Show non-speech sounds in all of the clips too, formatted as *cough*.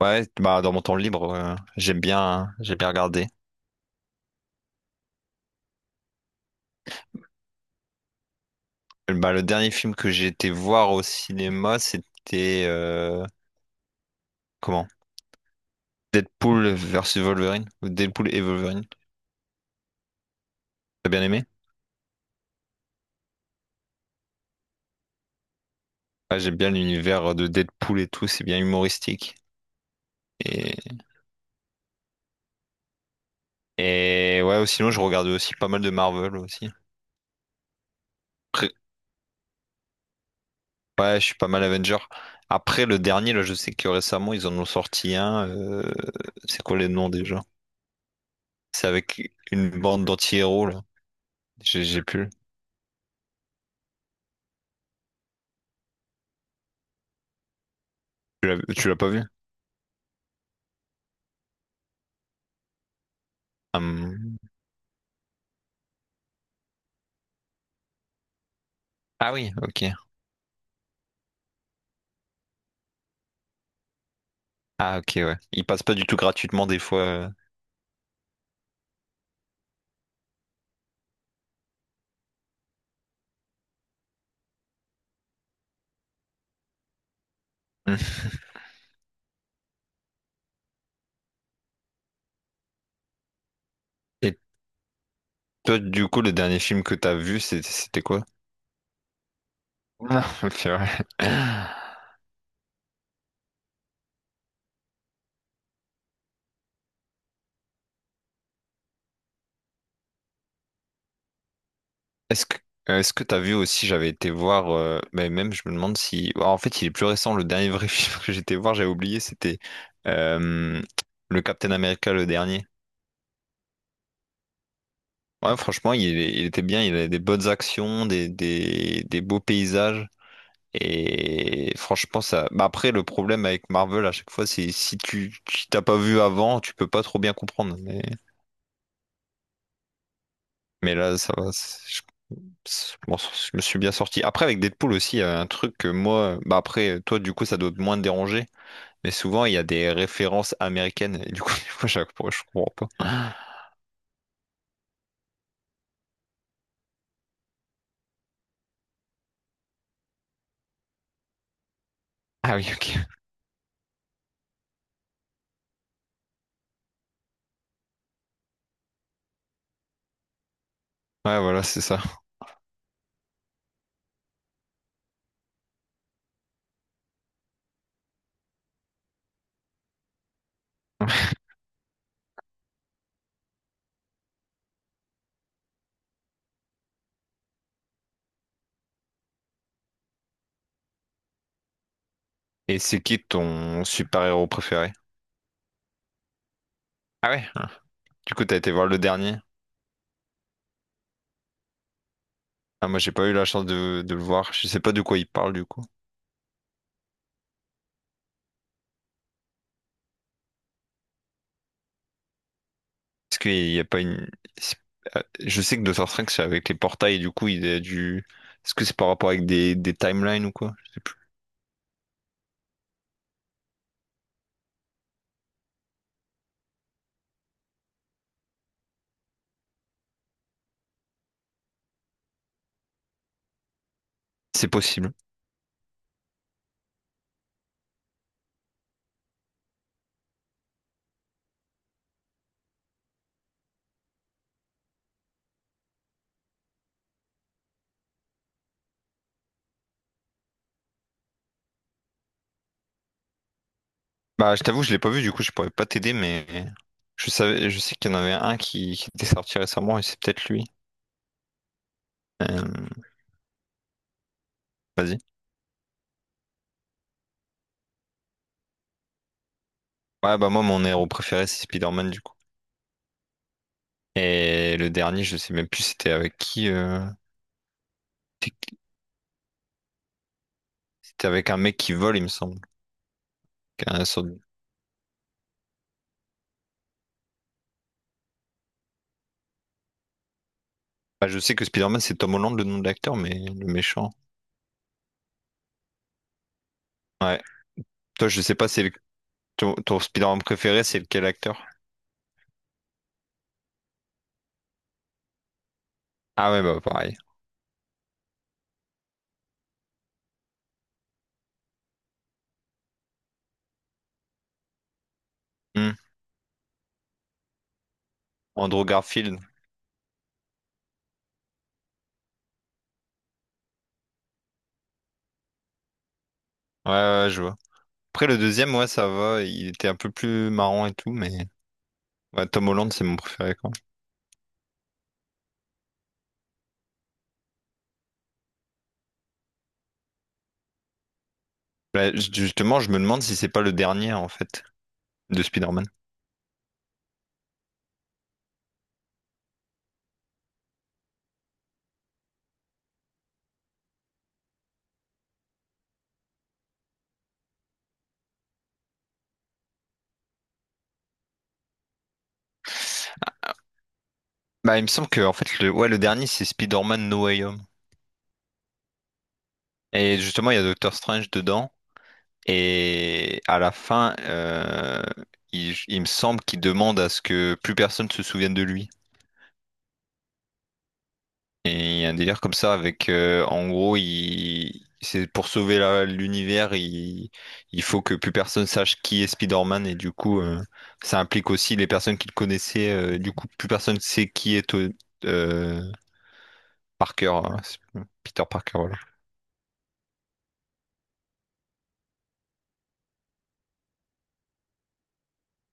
Ouais, bah, dans mon temps libre, j'aime bien regarder. Bah, le dernier film que j'ai été voir au cinéma, c'était comment? Deadpool versus Wolverine, ou Deadpool et Wolverine. T'as bien aimé? Ouais, j'aime bien l'univers de Deadpool et tout, c'est bien humoristique. Et, et ouais, ou sinon, je regarde aussi pas mal de Marvel aussi. Après- ouais, je suis pas mal Avenger. Après, le dernier, là, je sais que récemment, ils en ont sorti un, c'est quoi les noms déjà? C'est avec une bande d'anti-héros, là. J'ai plus. Tu l'as pas vu? Hum. Ah oui, ok. Ah ok, ouais. Il passe pas du tout gratuitement des fois. Hum. Et toi, du coup, le dernier film que t'as vu, c'était quoi? *laughs* Ah, c'est vrai. Est-ce que est-ce que t'as vu aussi, j'avais été voir, mais même je me demande si. Ah, en fait, il est plus récent, le dernier vrai *laughs* film que j'étais voir, j'avais oublié, c'était euh, le Captain America, le dernier. Ouais, franchement, il était bien, il avait des bonnes actions, des beaux paysages. Et franchement, ça. Bah après, le problème avec Marvel à chaque fois, c'est si tu t'as pas vu avant, tu peux pas trop bien comprendre. Mais là, ça va. Bon, je me suis bien sorti. Après, avec Deadpool aussi, il y a un truc que moi. Bah après, toi, du coup, ça doit moins te déranger. Mais souvent, il y a des références américaines. Et du coup, *laughs* des fois, chaque fois, je comprends pas. Ah oui, ok. Ouais, voilà, c'est ça. Et c'est qui ton super-héros préféré? Ah ouais? Ah. Du coup, t'as été voir le dernier? Ah, moi, j'ai pas eu la chance de le voir. Je sais pas de quoi il parle, du coup. Est-ce qu'il n'y a pas une... c'est- Je sais que Doctor Strange, c'est avec les portails, et du coup, il a dû... Est-ce que c'est par rapport avec des timelines ou quoi? Je sais plus. C'est possible. Bah, je t'avoue, je l'ai pas vu, du coup, je pourrais pas t'aider, mais je sais qu'il y en avait un qui était sorti récemment, et c'est peut-être lui. Euh, Vas-y. Ouais, bah moi, mon héros préféré, c'est Spider-Man, du coup. Et le dernier, je sais même plus c'était avec qui. C'était avec un mec qui vole, il me semble. Un sort de-. Bah, je sais que Spider-Man, c'est Tom Holland, le nom de l'acteur, mais le méchant. Ouais. Toi, je sais pas c'est... Ton Spider-Man préféré, c'est quel acteur? Ah ouais, bah pareil. Hmm. Andrew Garfield. Ouais, ouais, ouais, je vois. Après, le deuxième, ouais, ça va. Il était un peu plus marrant et tout, mais ouais, Tom Holland, c'est mon préféré, quoi. Bah, justement, je me demande si c'est pas le dernier, en fait, de Spider-Man. Bah, il me semble que en fait le dernier c'est Spider-Man No Way Home. Et justement, il y a Doctor Strange dedans et à la fin, il me semble qu'il demande à ce que plus personne se souvienne de lui. Et il y a un délire comme ça avec, en gros, il c'est pour sauver l'univers, il faut que plus personne sache qui est Spider-Man et du coup, ça implique aussi les personnes qui le connaissaient, du coup plus personne sait qui est euh, Parker, hein. Peter Parker voilà.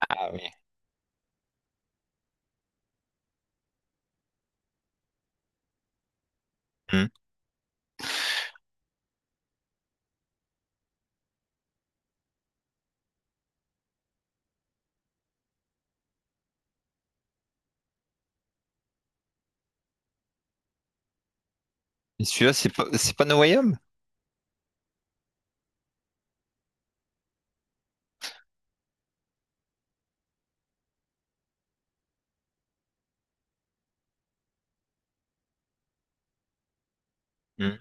Ah oui. Et celui-là, c'est pas No Way Home? Hmm.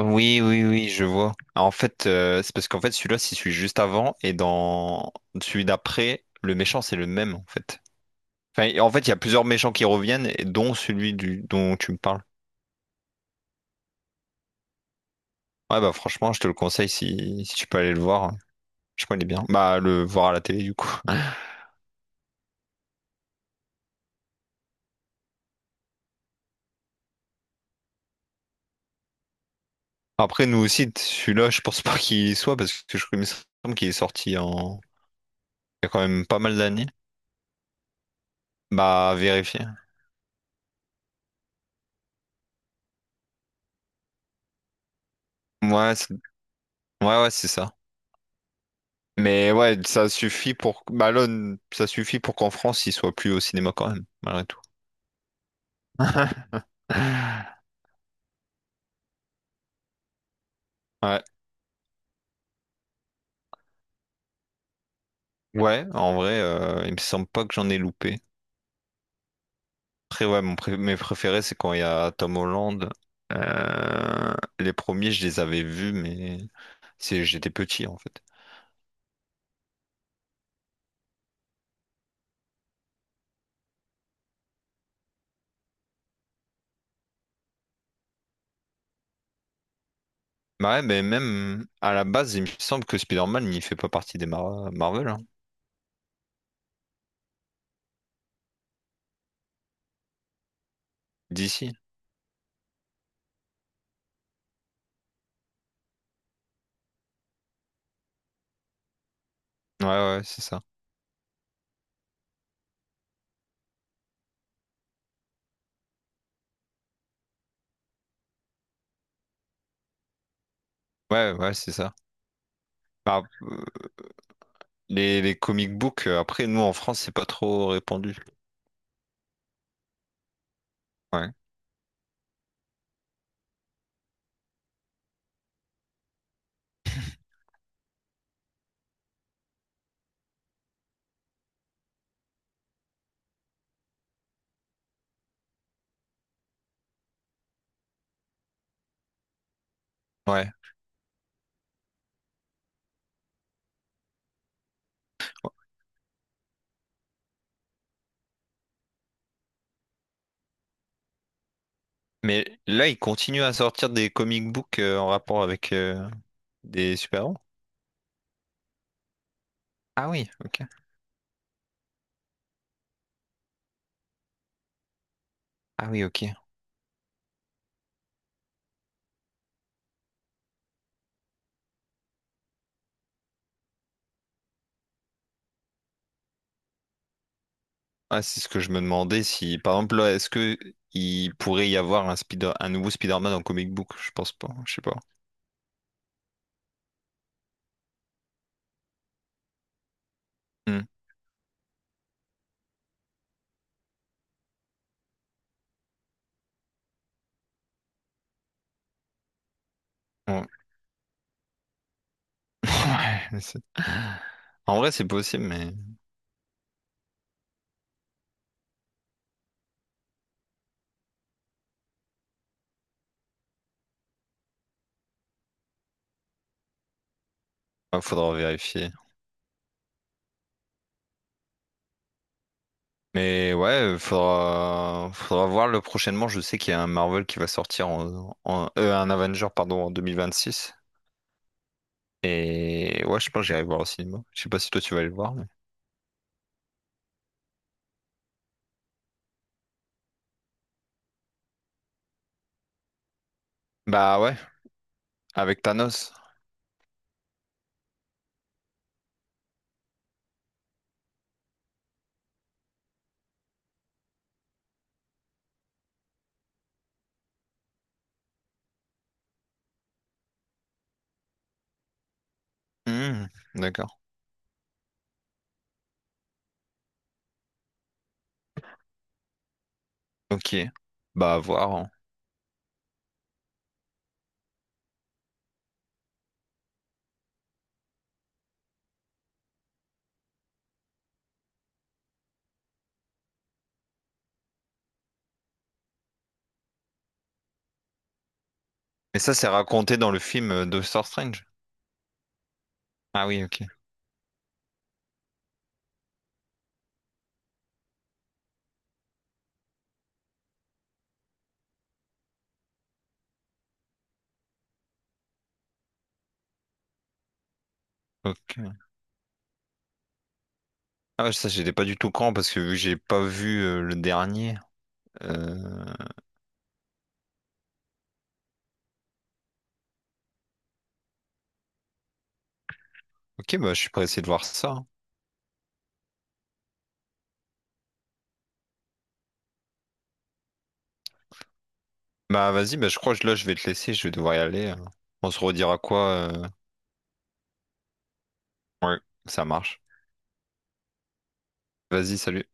Oui, oui, oui, je vois. Ah, en fait, c'est parce qu'en fait, celui-là, c'est celui juste avant, et dans celui d'après, le méchant, c'est le même, en fait. Enfin, en fait, il y a plusieurs méchants qui reviennent, et dont celui dont tu me parles. Ouais, bah, franchement, je te le conseille si tu peux aller le voir. Je crois qu'il est bien. Bah, le voir à la télé, du coup. Après, nous aussi, celui-là, je pense pas qu'il y soit, parce que je crois il me semble qu'il est sorti en, il y a quand même pas mal d'années. Bah, à vérifier. Ouais, ouais, ouais, c'est ça. Mais ouais, ça suffit pour Malone, ça suffit pour qu'en France, il soit plus au cinéma quand même, malgré tout. *laughs* Ouais, ouais, en vrai, il me semble pas que j'en ai loupé. Après, ouais, mon mes préférés, c'est quand il y a Tom Holland. Euh, les premiers, je les avais vus, mais c'est j'étais petit en fait. Bah ouais, mais même à la base, il me semble que Spider-Man, il fait pas partie des Marvel, hein. DC. Ouais, ouais, c'est ça. Ouais, ouais, c'est ça. Bah, les comic books, après, nous en France, c'est pas trop répandu. Ouais. Ouais. Mais là, ils continuent à sortir des comic books, en rapport avec, des super-héros. Ah oui, ok. Ah oui, ok. Ah, c'est ce que je me demandais si, par exemple, là, est-ce que il pourrait y avoir un un nouveau Spider-Man en comic book? Je pense pas. Je sais pas. Hmm. Ouais. *laughs* Ouais, mais en vrai, c'est possible, mais il faudra vérifier. Mais ouais, faudra voir le prochainement. Je sais qu'il y a un Marvel qui va sortir en, un Avenger, pardon, en six. Et ouais, je pense que j'irai le voir au cinéma. Je sais pas si toi tu vas aller le voir, mais... Bah ouais, avec Thanos. Hmm, d'accord. Ok. Bah à voir, hein. Et ça, c'est raconté dans le film, Doctor Strange. Ah oui, ok. Ok. Ah ouais, ça, j'étais pas du tout quand parce que vu que j'ai pas vu, le dernier. euh, Ok, bah je suis pressé de voir ça, hein. Bah vas-y, bah, je crois que là je vais te laisser, je vais devoir y aller, hein. On se redira quoi? Ouais, ça marche. Vas-y, salut.